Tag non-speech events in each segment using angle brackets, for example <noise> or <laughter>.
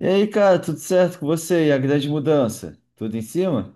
E aí, cara, tudo certo com você? E a grande mudança? Tudo em cima?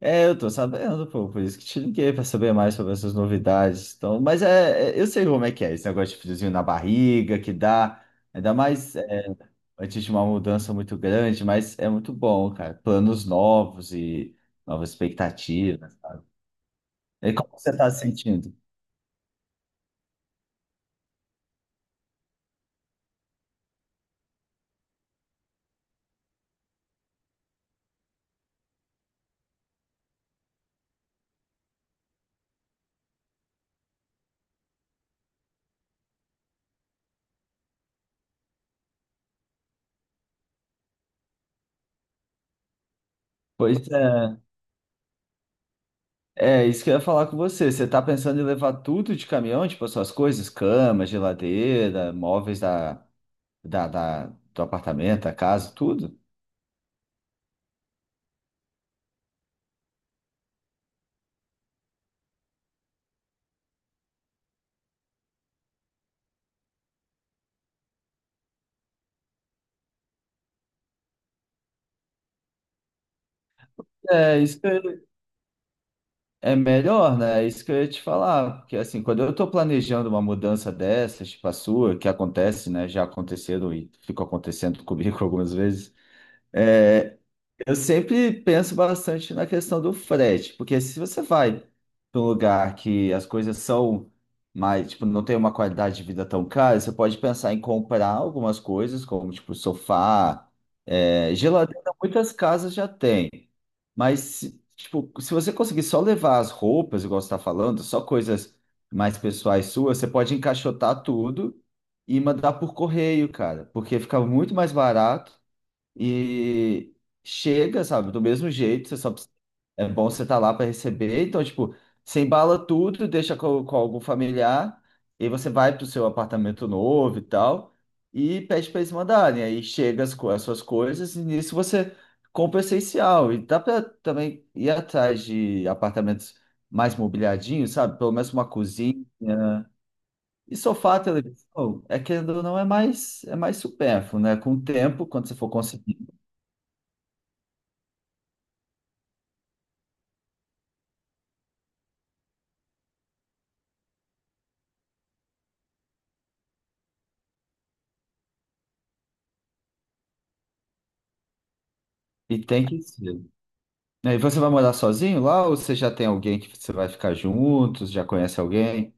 É, eu tô sabendo, pô, por isso que te liguei pra saber mais sobre essas novidades. Então, mas eu sei como é que é, esse negócio de friozinho na barriga que dá, ainda mais antes de uma mudança muito grande, mas é muito bom, cara. Planos novos e novas expectativas, sabe? E como você tá se sentindo? Pois é, é isso que eu ia falar com você. Você tá pensando em levar tudo de caminhão, tipo as suas coisas, cama, geladeira, móveis da, da- do apartamento, a casa, tudo. É, isso que eu- É melhor, né? É isso que eu ia te falar. Porque, assim, quando eu tô planejando uma mudança dessas, tipo a sua, que acontece, né? Já aconteceram e ficou acontecendo comigo <laughs> algumas vezes. é, Eu sempre penso bastante na questão do frete, porque se você vai para um lugar que as coisas são mais, tipo, não tem uma qualidade de vida tão cara, você pode pensar em comprar algumas coisas, como, tipo, sofá, geladeira, muitas casas já têm. Mas, tipo, se você conseguir só levar as roupas, igual você está falando, só coisas mais pessoais suas, você pode encaixotar tudo e mandar por correio, cara, porque fica muito mais barato e chega, sabe, do mesmo jeito, é bom você estar lá para receber. Então, tipo, você embala tudo, deixa com algum familiar, e você vai para o seu apartamento novo e tal, e pede para eles mandarem. Aí chega as suas coisas, e nisso você compra o essencial. E dá para também ir atrás de apartamentos mais mobiliadinhos, sabe? Pelo menos uma cozinha. E sofá, televisão, é querendo ou não, é mais supérfluo, né? Com o tempo, quando você for conseguir. E tem que ser. E você vai morar sozinho lá ou você já tem alguém que você vai ficar juntos, já conhece alguém?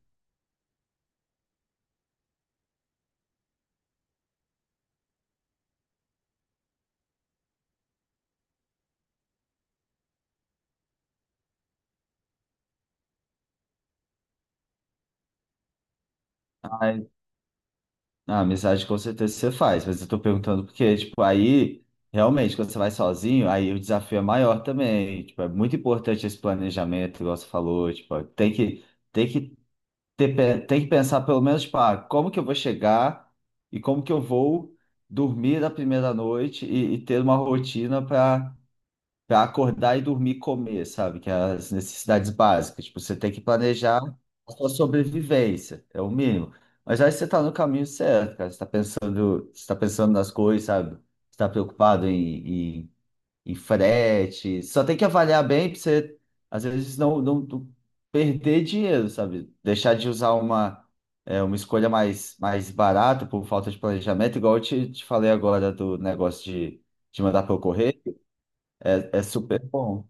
Ai, a amizade com certeza você faz, mas eu tô perguntando porque, tipo, aí, realmente, quando você vai sozinho, aí o desafio é maior também. Tipo, é muito importante esse planejamento, igual você falou, tipo, tem que ter, tem que pensar pelo menos, tipo, ah, como que eu vou chegar e como que eu vou dormir a primeira noite e ter uma rotina para pra acordar e dormir e comer, sabe? Que é as necessidades básicas. Tipo, você tem que planejar a sua sobrevivência, é o mínimo. Mas aí você tá no caminho certo, cara. Você tá pensando nas coisas, sabe? Você tá preocupado em frete. Só tem que avaliar bem pra você, às vezes, não perder dinheiro, sabe? Deixar de usar uma, uma escolha mais, mais barata por falta de planejamento, igual eu te falei agora do negócio de mandar para eu correr. É, é super bom.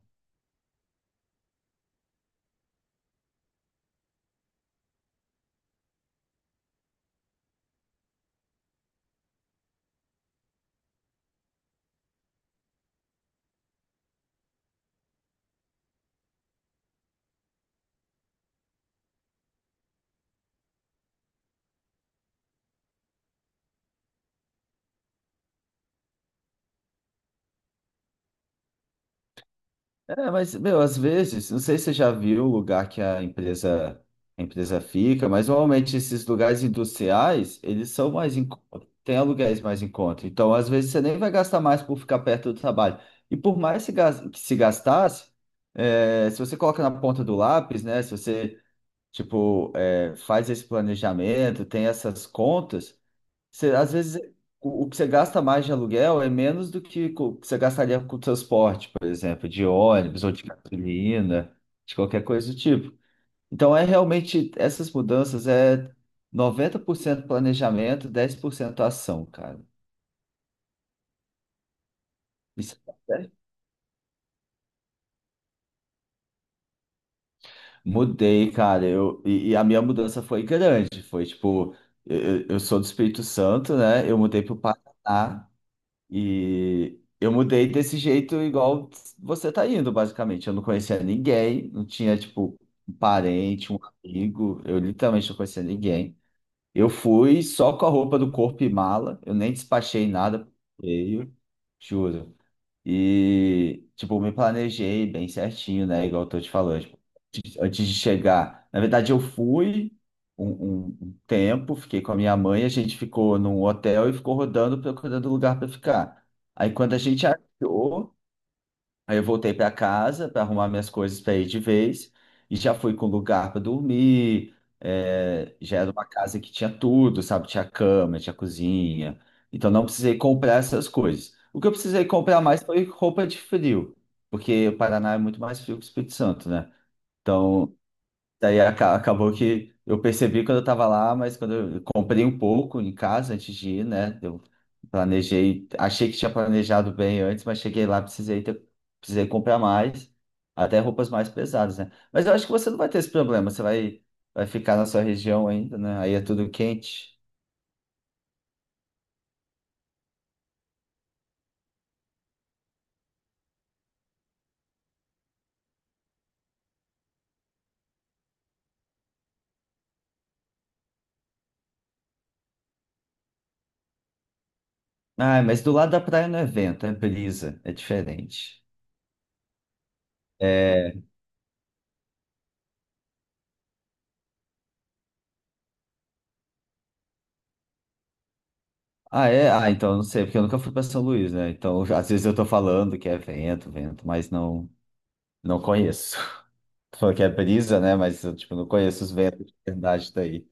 É, mas, meu, às vezes, não sei se você já viu o lugar que a empresa fica, mas normalmente esses lugares industriais, eles são mais tem aluguéis mais em conta. Então, às vezes, você nem vai gastar mais por ficar perto do trabalho. E por mais se gas- que se gastasse, é, se você coloca na ponta do lápis, né? Se você, tipo, é, faz esse planejamento, tem essas contas, você, às vezes, o que você gasta mais de aluguel é menos do que que você gastaria com o transporte, por exemplo, de ônibus ou de gasolina, de qualquer coisa do tipo. Então, é realmente, essas mudanças é 90% planejamento, 10% ação, cara. Isso tá certo. Mudei, cara. E a minha mudança foi grande. Foi tipo, eu sou do Espírito Santo, né? Eu mudei pro Paraná. E eu mudei desse jeito igual você tá indo, basicamente. Eu não conhecia ninguém, não tinha, tipo, um parente, um amigo. Eu literalmente não conhecia ninguém. Eu fui só com a roupa do corpo e mala. Eu nem despachei nada pro correio, juro. E, tipo, me planejei bem certinho, né? Igual eu tô te falando. Tipo, antes de chegar. Na verdade, eu fui um, um tempo, fiquei com a minha mãe, a gente ficou num hotel e ficou rodando, procurando lugar para ficar. Aí, quando a gente achou, aí eu voltei para casa para arrumar minhas coisas para ir de vez e já fui com lugar para dormir. Já era uma casa que tinha tudo, sabe? Tinha cama, tinha cozinha. Então não precisei comprar essas coisas. O que eu precisei comprar mais foi roupa de frio, porque o Paraná é muito mais frio que o Espírito Santo, né? Então daí acabou que eu percebi quando eu estava lá, mas quando eu comprei um pouco em casa antes de ir, né? Eu planejei, achei que tinha planejado bem antes, mas cheguei lá, precisei comprar mais, até roupas mais pesadas, né? Mas eu acho que você não vai ter esse problema, vai ficar na sua região ainda, né? Aí é tudo quente. Ah, mas do lado da praia não é vento, é brisa, é diferente. É... é? Ah, então eu não sei, porque eu nunca fui para São Luís, né? Então às vezes eu tô falando que é vento, vento, mas não. Não conheço. <laughs> Tu falou que é brisa, né? Mas eu, tipo, não conheço os ventos de verdade daí.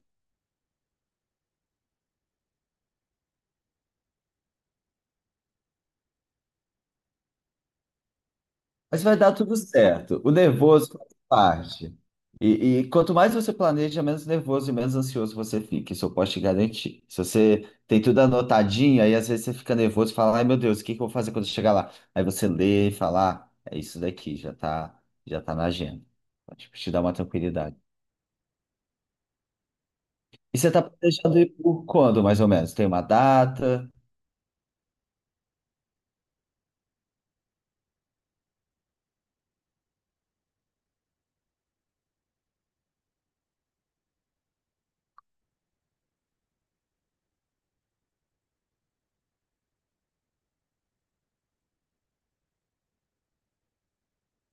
Mas vai dar tudo certo. O nervoso faz parte. E quanto mais você planeja, menos nervoso e menos ansioso você fica. Isso eu posso te garantir. Se você tem tudo anotadinho, aí às vezes você fica nervoso e fala, ai meu Deus, o que que eu vou fazer quando eu chegar lá? Aí você lê e fala, ah, é isso daqui, já tá na agenda. Tipo, te dá uma tranquilidade. E você tá planejando ir por quando, mais ou menos? Tem uma data?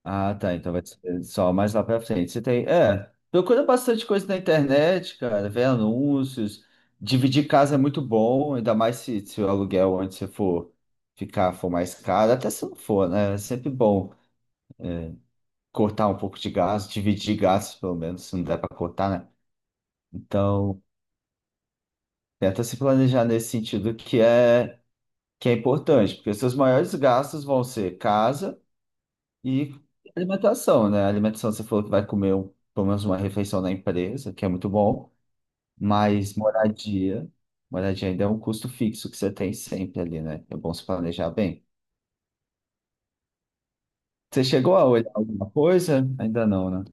Ah, tá. Então vai ser só mais lá pra frente. Você tem. É, procura bastante coisa na internet, cara. Vê anúncios. Dividir casa é muito bom, ainda mais se o aluguel onde você for ficar for mais caro. Até se não for, né? É sempre bom cortar um pouco de gasto, dividir gastos, pelo menos, se não der pra cortar, né? Então, tenta se planejar nesse sentido que é importante, porque seus maiores gastos vão ser casa. E alimentação, né? Alimentação, você falou que vai comer pelo menos uma refeição na empresa, que é muito bom, mas moradia ainda é um custo fixo que você tem sempre ali, né? É bom se planejar bem. Você chegou a olhar alguma coisa? Ainda não, né?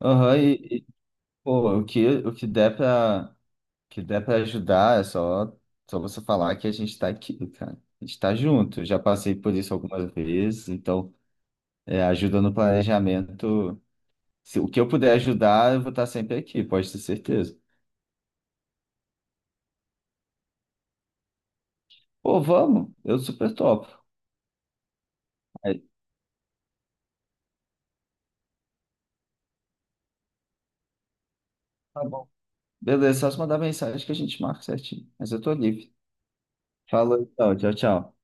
Aham, e, pô, o que der pra, o que der pra ajudar é só, só você falar que a gente tá aqui, cara. A gente tá junto, já passei por isso algumas vezes, então é, ajuda no planejamento. Se o que eu puder ajudar, eu vou estar sempre aqui, pode ter certeza. Pô, vamos, eu super topo. Aí, tá bom. Beleza, só se mandar mensagem que a gente marca certinho. Mas eu tô livre. Falou então, tchau, tchau.